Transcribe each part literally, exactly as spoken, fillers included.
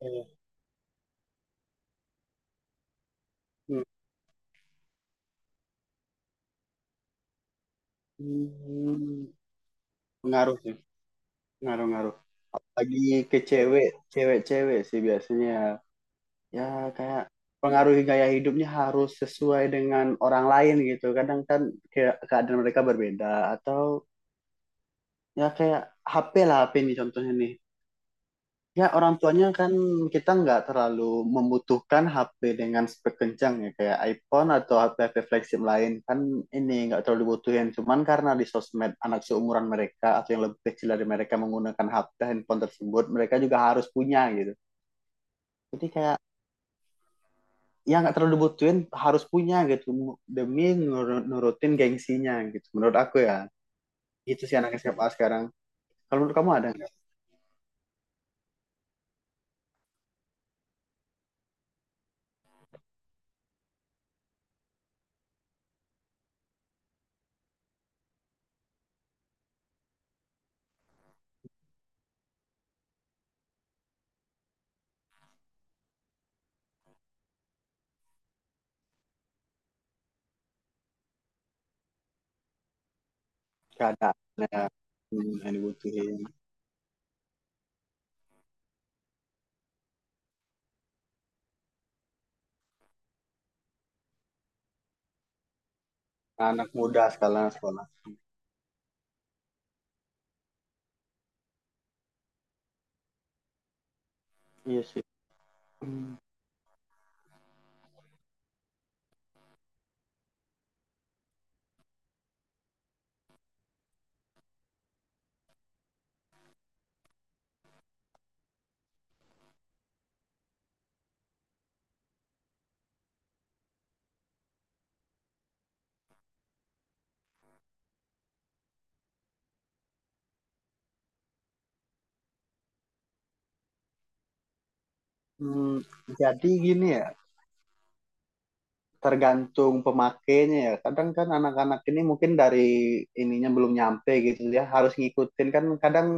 Iya. Hmm, pengaruh sih, pengaruh-ngaruh. Lagi ke cewek, cewek-cewek sih biasanya. Ya kayak pengaruhi gaya hidupnya harus sesuai dengan orang lain gitu. Kadang kan kayak keadaan mereka berbeda atau ya kayak H P lah H P nih contohnya nih. Ya, orang tuanya kan kita nggak terlalu membutuhkan H P dengan spek kencang ya, kayak iPhone atau H P-H P flagship lain kan ini nggak terlalu dibutuhin. Cuman karena di sosmed anak seumuran mereka atau yang lebih kecil dari mereka menggunakan H P handphone tersebut, mereka juga harus punya gitu. Jadi kayak ya nggak terlalu dibutuhin harus punya gitu demi nur- nurutin gengsinya gitu. Menurut aku ya, gitu sih anak S M A sekarang. Kalau menurut kamu ada nggak keadaan ya, hmm, yang dibutuhin anak muda sekarang sekolah? Iya sih. Hmm, jadi gini ya, tergantung pemakainya ya. Kadang kan anak-anak ini mungkin dari ininya belum nyampe gitu ya, harus ngikutin kan kadang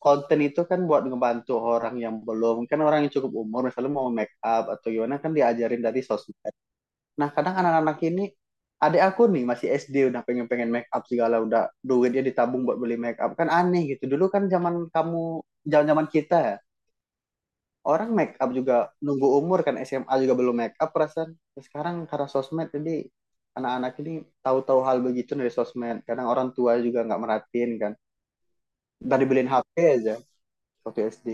konten itu kan buat ngebantu orang yang belum, kan orang yang cukup umur misalnya mau make up atau gimana kan diajarin dari sosmed. Nah, kadang anak-anak ini adik aku nih masih S D udah pengen-pengen make up segala udah duitnya ditabung buat beli make up kan aneh gitu. Dulu kan zaman kamu zaman-zaman kita ya, orang make up juga nunggu umur kan S M A juga belum make up perasaan. Ya, sekarang karena sosmed jadi anak-anak ini tahu-tahu hal begitu dari sosmed kadang orang tua juga nggak merhatiin kan ntar dibeliin H P aja waktu S D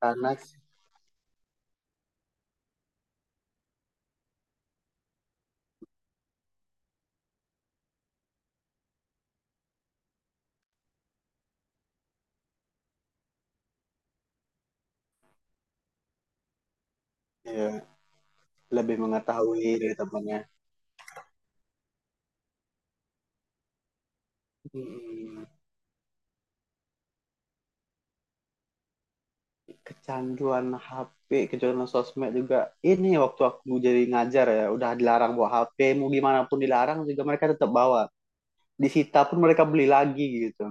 anak ya lebih mengetahui dari temannya. Hmm, kecanduan H P kecanduan sosmed juga ini waktu aku jadi ngajar ya udah dilarang bawa H P mau gimana pun dilarang juga mereka tetap bawa disita pun mereka beli lagi gitu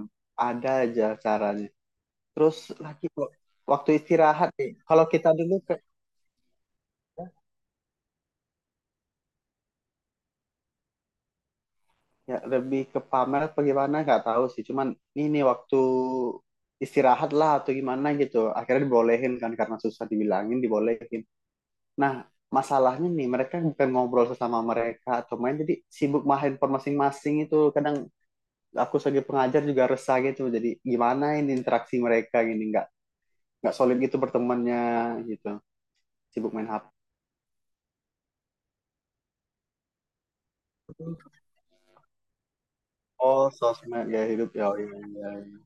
ada aja caranya. Terus lagi kok waktu istirahat nih. Kalau kita dulu ke, ya lebih ke pamer apa gimana nggak tahu sih. Cuman ini waktu istirahat lah atau gimana gitu. Akhirnya dibolehin kan karena susah dibilangin dibolehin. Nah, masalahnya nih mereka bukan ngobrol sesama mereka atau main jadi sibuk main handphone masing-masing itu kadang aku sebagai pengajar juga resah gitu jadi gimana ini interaksi mereka gini nggak nggak solid gitu bertemannya gitu sibuk main H P. Oh, sosmed gaya hidup ya. Oh, iya, iya.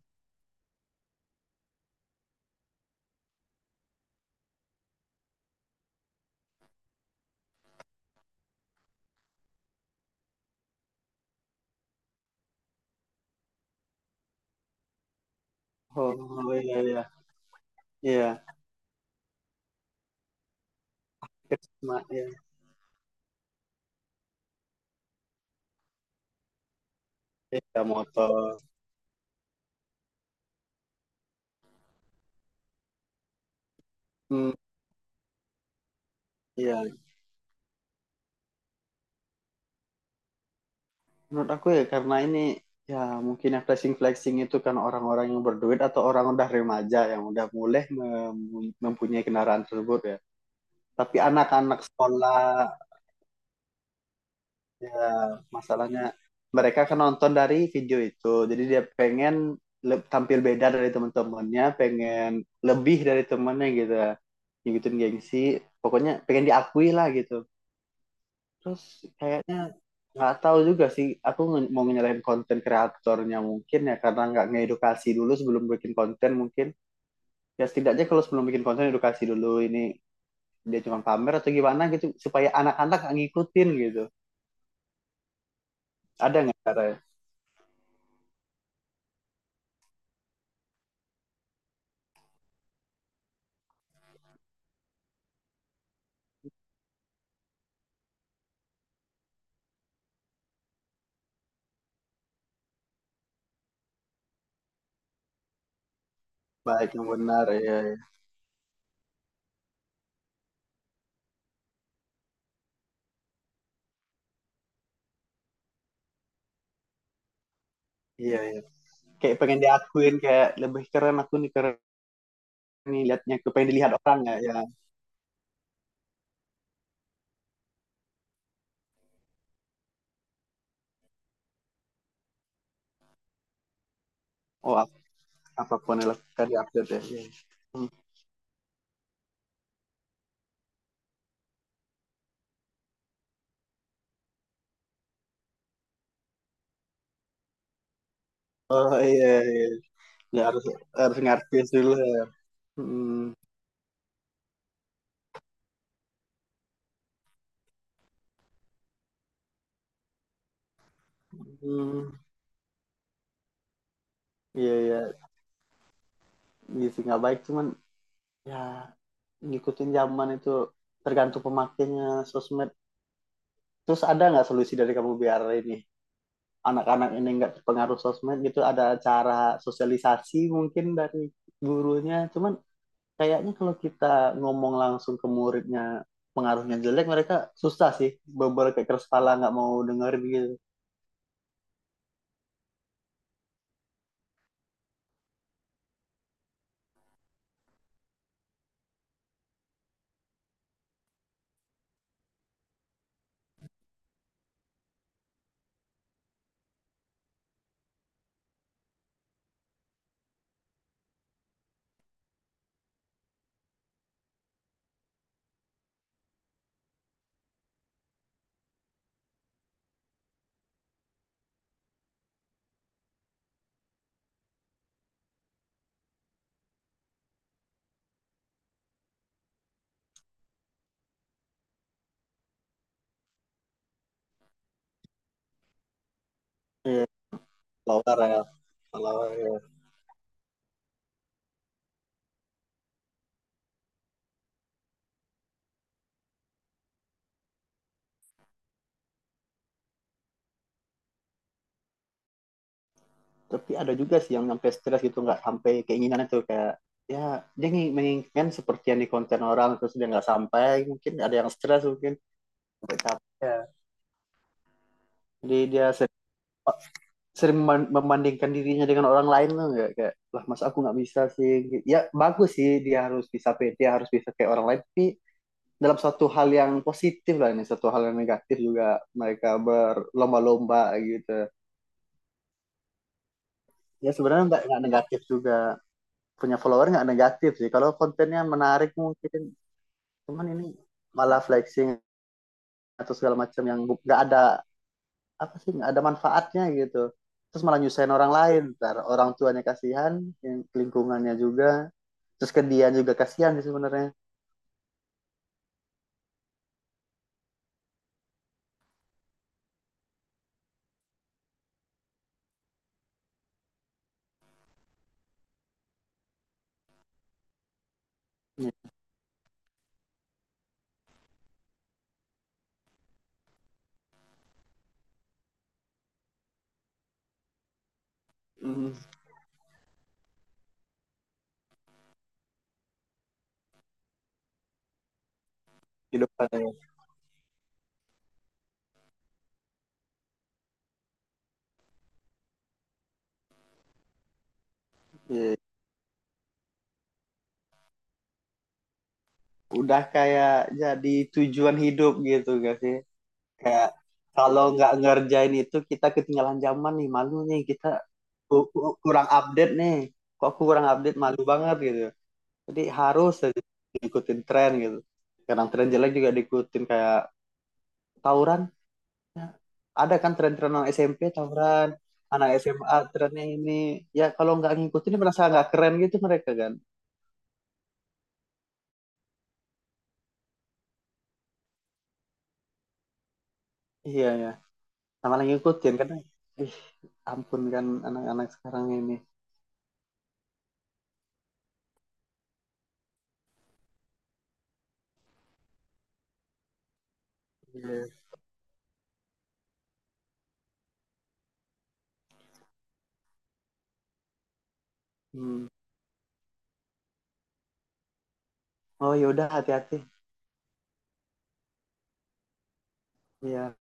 Oh, iya, iya. Iya, Krisma, ya. Iya, motor. Hmm, iya. Menurut aku ya karena ini ya mungkin yang flexing-flexing itu kan orang-orang yang berduit atau orang udah remaja yang udah mulai mem- mempunyai kendaraan tersebut ya. Tapi anak-anak sekolah ya masalahnya mereka kan nonton dari video itu. Jadi dia pengen le- tampil beda dari teman-temannya, pengen lebih dari temannya gitu. Ngikutin gengsi, pokoknya pengen diakui lah gitu. Terus kayaknya nggak tahu juga sih. Aku nge- mau nyalahin konten kreatornya mungkin ya karena nggak ngedukasi dulu sebelum bikin konten mungkin. Ya setidaknya kalau sebelum bikin konten edukasi dulu ini dia cuma pamer atau gimana gitu supaya anak-anak nggak ngikutin gitu. Ada nggak cara baik yang benar? Iya, iya, iya. Iya. Kayak pengen diakuin kayak lebih keren aku nih keren nih liatnya aku pengen dilihat orang ya. Ya. Oh ap- Apapun yang dilakukan diupdate ya. Iya. Hmm. Oh, iya, iya. Ya harus harus ngartis dulu ya. Hmm. Hmm, iya, iya gitu nggak baik cuman ya ngikutin zaman itu tergantung pemakainya sosmed. Terus ada nggak solusi dari kamu biar ini anak-anak ini nggak terpengaruh sosmed gitu? Ada cara sosialisasi mungkin dari gurunya. Cuman kayaknya kalau kita ngomong langsung ke muridnya pengaruhnya jelek mereka susah sih. Beberapa keras kepala nggak mau dengerin gitu. Iya, kalau ya, kalau ya. Tapi ada juga sih yang sampai stres gitu nggak sampai keinginan itu kayak ya dia ingin- menginginkan seperti yang di konten orang terus dia nggak sampai mungkin ada yang stres mungkin sampai capek. Ya. Jadi dia sering, sering membandingkan dirinya dengan orang lain tuh nggak kayak lah mas aku nggak bisa sih ya bagus sih dia harus bisa pede harus bisa kayak orang lain tapi dalam satu hal yang positif lah ini satu hal yang negatif juga mereka berlomba-lomba gitu ya sebenarnya nggak nggak negatif juga punya follower nggak negatif sih. Kalau kontennya menarik mungkin, cuman ini malah flexing atau segala macam yang nggak ada apa sih nggak ada manfaatnya gitu. Terus malah nyusahin orang lain, ntar orang tuanya kasihan, yang lingkungannya juga, terus ke dia juga kasihan sih sebenarnya. Hmm, hidup katanya. Iya, udah kayak jadi tujuan hidup gitu gak sih? Kayak kalau nggak ngerjain itu kita ketinggalan zaman nih malu nih kita ku- ku- kurang update nih kok aku kurang update malu banget gitu jadi harus aja ikutin tren gitu kadang tren jelek juga diikutin kayak tawuran. Ya, ada kan tren-tren anak S M P tawuran anak S M A trennya ini ya kalau nggak ngikutin merasa nggak keren gitu mereka kan iya ya sama lagi ngikutin karena ih ampun kan anak-anak sekarang ini. Iya. Hmm. Oh, yaudah, hati-hati. Iya.